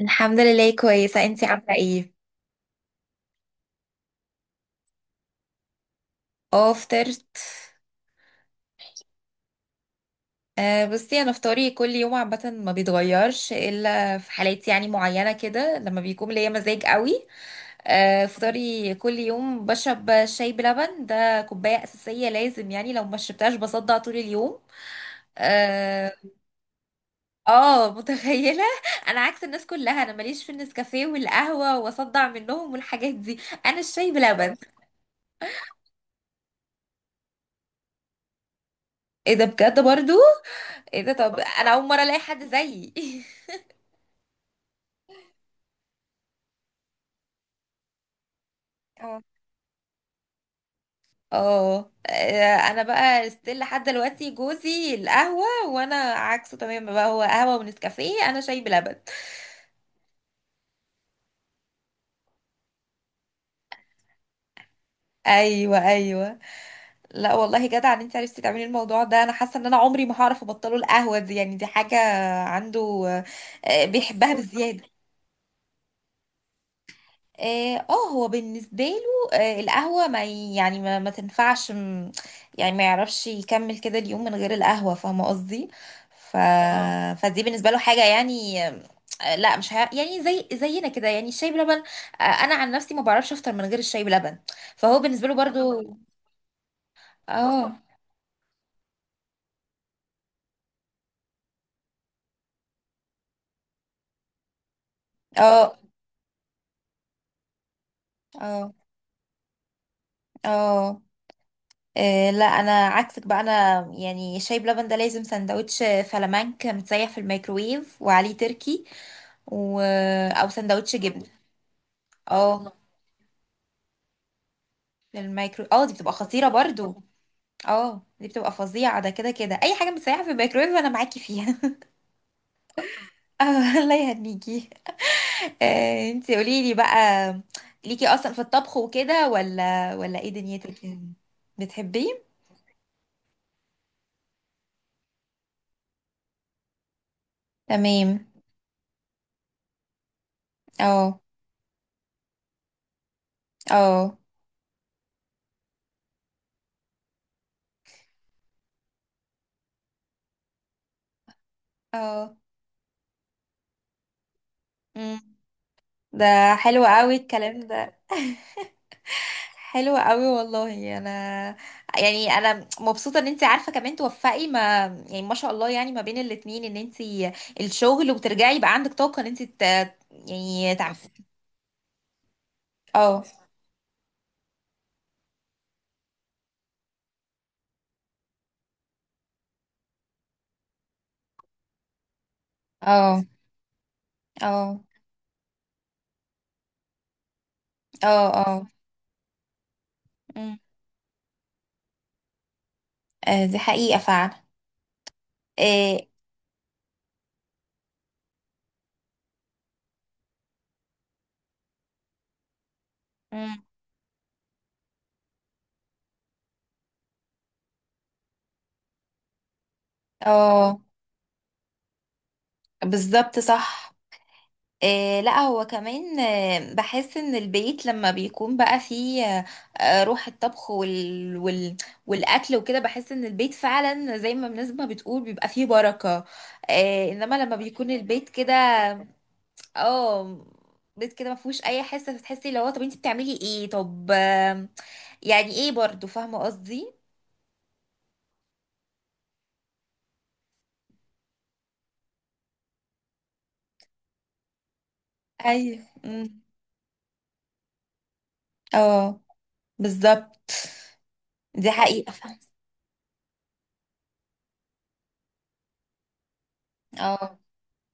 الحمد لله كويسة، انتي عاملة ايه؟ اه فطرت. بصي، انا فطاري كل يوم عامة ما بيتغيرش الا في حالات معينة كده لما بيكون ليا مزاج قوي. فطاري كل يوم بشرب شاي بلبن، ده كوباية اساسية لازم، لو ما شربتهاش بصدع طول اليوم. اه. متخيلة انا عكس الناس كلها، انا ماليش في النسكافيه والقهوة واصدع منهم والحاجات دي. انا الشاي بلبن. ايه ده بجد برضو؟ ايه ده، طب انا اول مره الاقي حد زيي اه اه. انا بقى ستيل لحد دلوقتي جوزي القهوه، وانا عكسه تماما بقى، هو قهوه ونسكافيه انا شاي بلبن. ايوه ايوه. لا والله جدع ان انت عرفتي تعملي الموضوع ده. انا حاسه ان انا عمري ما هعرف ابطله القهوه دي، دي حاجه عنده. بيحبها بزياده. اه هو بالنسبة له القهوة ما ي- يعني ما تنفعش، يعني ما يعرفش يكمل كده اليوم من غير القهوة، فاهمة قصدي؟ اه فدي بالنسبة له حاجة يعني. لا مش يعني زي زينا كده، يعني الشاي بلبن. آه انا عن نفسي ما بعرفش افطر من غير الشاي بلبن. فهو بالنسبة له انا برضو. اه اه اه اه. لا انا عكسك بقى، انا يعني الشاي بلبن ده لازم سندوتش فلامنك متسيح في الميكرويف وعليه تركي، و... آه، او سندوتش جبنه. اه في الميكرو، اه دي بتبقى خطيره برضو. اه دي بتبقى فظيعه، ده كده كده اي حاجه بتسيحها في الميكرويف انا معاكي فيها اه الله يهنيكي. آه انتي قولي لي بقى، ليكي اصلا في الطبخ وكده ولا ايه دنيتك؟ بتحبيه؟ تمام. اه اه اه. مم. ده حلو قوي الكلام ده. حلوة قوي والله. انا يعني انا مبسوطة ان انت عارفة كمان توفقي، ما يعني ما شاء الله، ما بين الاتنين ان انت الشغل وترجعي يبقى عندك طاقة ان انت يعني تع... اه اه اه اه اه. أمم. دي حقيقة فعلا. اه. أمم. آه، بالظبط صح. آه لا هو كمان بحس ان البيت لما بيكون بقى فيه روح الطبخ وال والاكل وكده، بحس ان البيت فعلا زي ما الناس ما بتقول بيبقى فيه بركة. آه انما لما بيكون البيت كده، اه بيت كده ما فيهوش اي حس، فتحسي اللي هو طب انت بتعملي ايه؟ طب يعني ايه برضو، فاهمة قصدي؟ ايوه. مم. اه بالظبط. دي حقيقة. اه.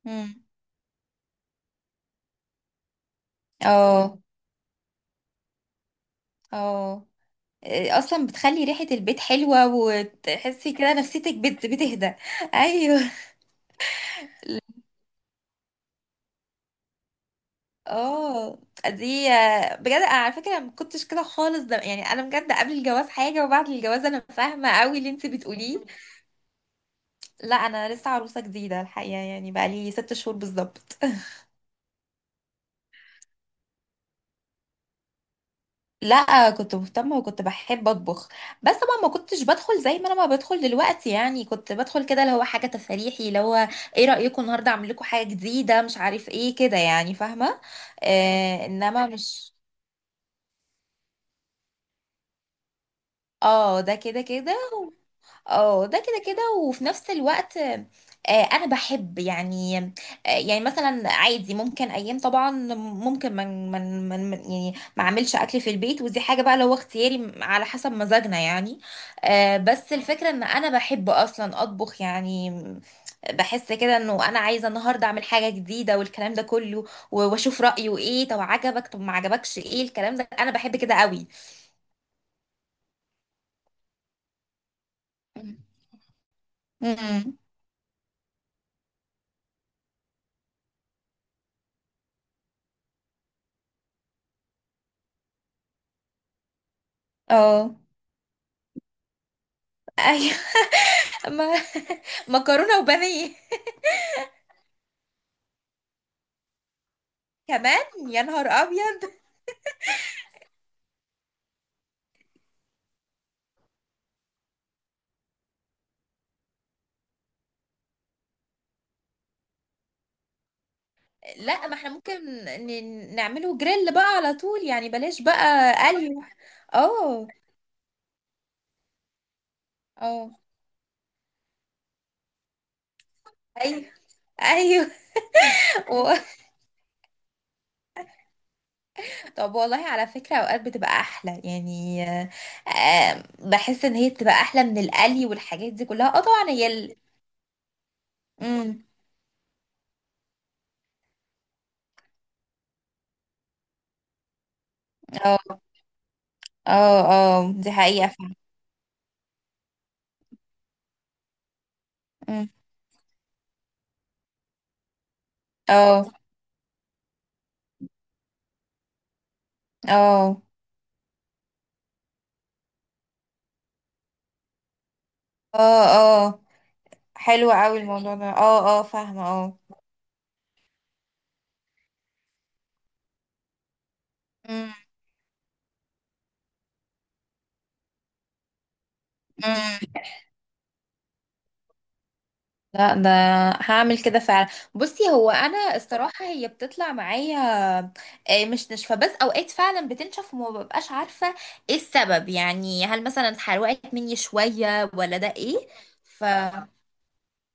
مم. اه اه. اصلا بتخلي ريحة البيت حلوة وتحسي كده نفسيتك بتهدى ايوه اه. دي بجد انا على فكرة ما كنتش كده خالص. ده يعني انا بجد قبل الجواز حاجة وبعد الجواز. انا فاهمة قوي اللي انت بتقوليه. لا انا لسه عروسة جديدة الحقيقة، يعني بقالي ست شهور بالظبط. لا كنت مهتمة وكنت بحب أطبخ، بس طبعا ما كنتش بدخل زي ما أنا ما بدخل دلوقتي. يعني كنت بدخل كده اللي هو حاجة تفريحي، اللي هو إيه رأيكم النهاردة أعمل لكم حاجة جديدة مش عارف إيه كده، يعني فاهمة اه. آه إنما مش، آه ده كده كده. اه ده كده كده. وفي نفس الوقت انا بحب يعني يعني مثلا عادي ممكن ايام، طبعا ممكن يعني ما اعملش اكل في البيت، ودي حاجه بقى لو اختياري على حسب مزاجنا يعني. بس الفكره ان انا بحب اصلا اطبخ يعني. بحس كده انه انا عايزه النهارده اعمل حاجه جديده والكلام ده كله، واشوف رايه ايه، طب عجبك طب ما عجبكش ايه الكلام ده. انا بحب كده قوي. امم. اه ايوه ما مكرونة وبانيه؟ كمان يا نهار ابيض. لا ما احنا ممكن نعمله جريل بقى على طول، يعني بلاش بقى قلي. اه اه. ايوه ايوه و... طب والله على فكرة اوقات بتبقى احلى يعني، آه، بحس ان هي بتبقى احلى من القلي والحاجات دي كلها. اه طبعا هي مم. اه اه اه. دي حقيقة فعلا. مم. اه اه اه اه. حلو قوي الموضوع ده. اه اه فاهمة اه. مم. مم. لا ده هعمل كده فعلا. بصي هو انا الصراحه هي بتطلع معايا مش ناشفه، بس اوقات فعلا بتنشف وما ببقاش عارفه ايه السبب، يعني هل مثلا اتحرقت مني شويه، ولا ده ايه؟ ف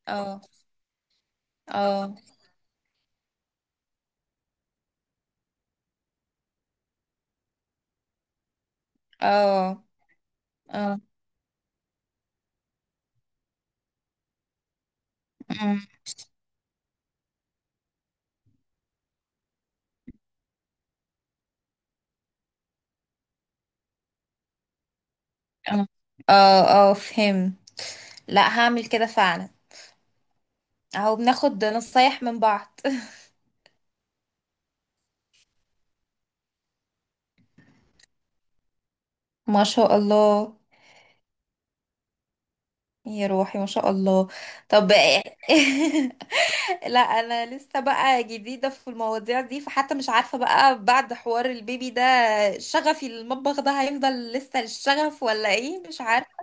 اه اه اه اه. أمم، اه. مم. اه اه فهم. لا هعمل كده فعلا. اهو بناخد نصايح من بعض ما شاء الله. يا روحي ما شاء الله. طب لا انا لسه بقى جديده في المواضيع دي، فحتى مش عارفه بقى بعد حوار البيبي ده شغفي للمطبخ ده هيفضل لسه الشغف، ولا ايه مش عارفه.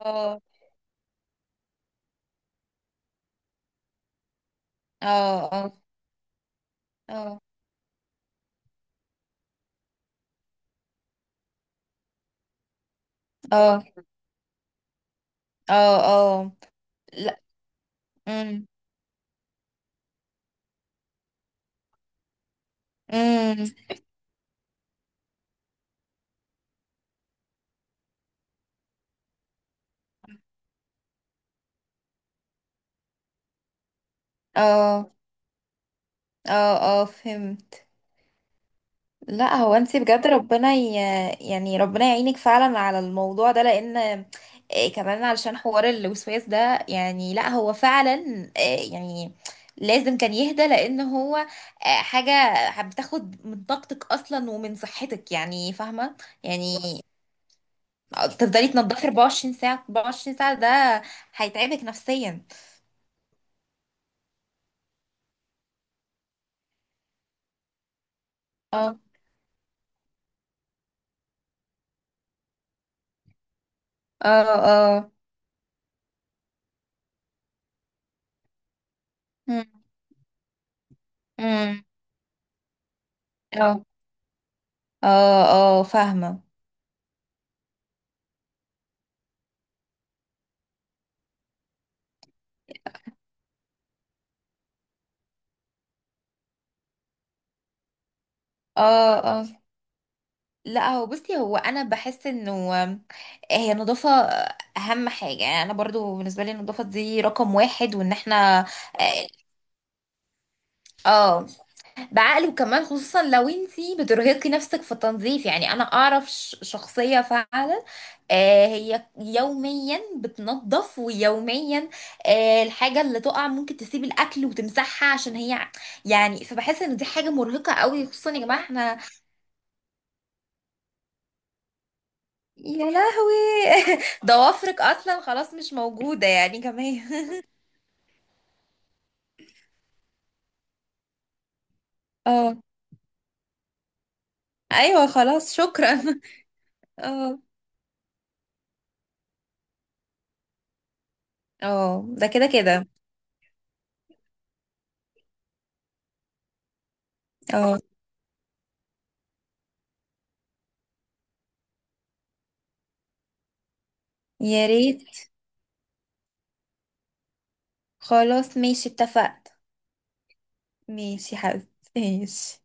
اه اه اه اه اه اه اه. لا. امم. امم. اه اه اه فهمت. لا هو انت بجد ربنا يعني ربنا يعينك فعلا على الموضوع ده، لان إيه كمان علشان حوار الوسواس ده. يعني لا هو فعلا إيه يعني لازم كان يهدى، لان هو حاجة بتاخد من طاقتك اصلا ومن صحتك، يعني فاهمة، يعني تفضلي تنضفي 24 ساعة 24 ساعة، ده هيتعبك نفسيا. اه اه اه. مم. مم. اه اه اه فاهمة اه. لا هو بصي هو انا بحس انه هي النظافه اهم حاجه، يعني انا برضو بالنسبه لي النظافه دي رقم واحد، وان احنا اه آه، بعقل، وكمان خصوصا لو انتي بترهقي نفسك في التنظيف. يعني انا اعرف شخصيه فعلا هي يوميا بتنظف ويوميا الحاجه اللي تقع ممكن تسيب الاكل وتمسحها عشان هي يعني فبحس ان دي حاجه مرهقه قوي، خصوصا يا جماعه احنا. يا لهوي ضوافرك اصلا خلاص مش موجودة يعني كمان. اه ايوه خلاص شكرا. اه اه ده كده كده. اه يا ريت. خلاص ماشي اتفقت. ماشي حبيبي. ماشي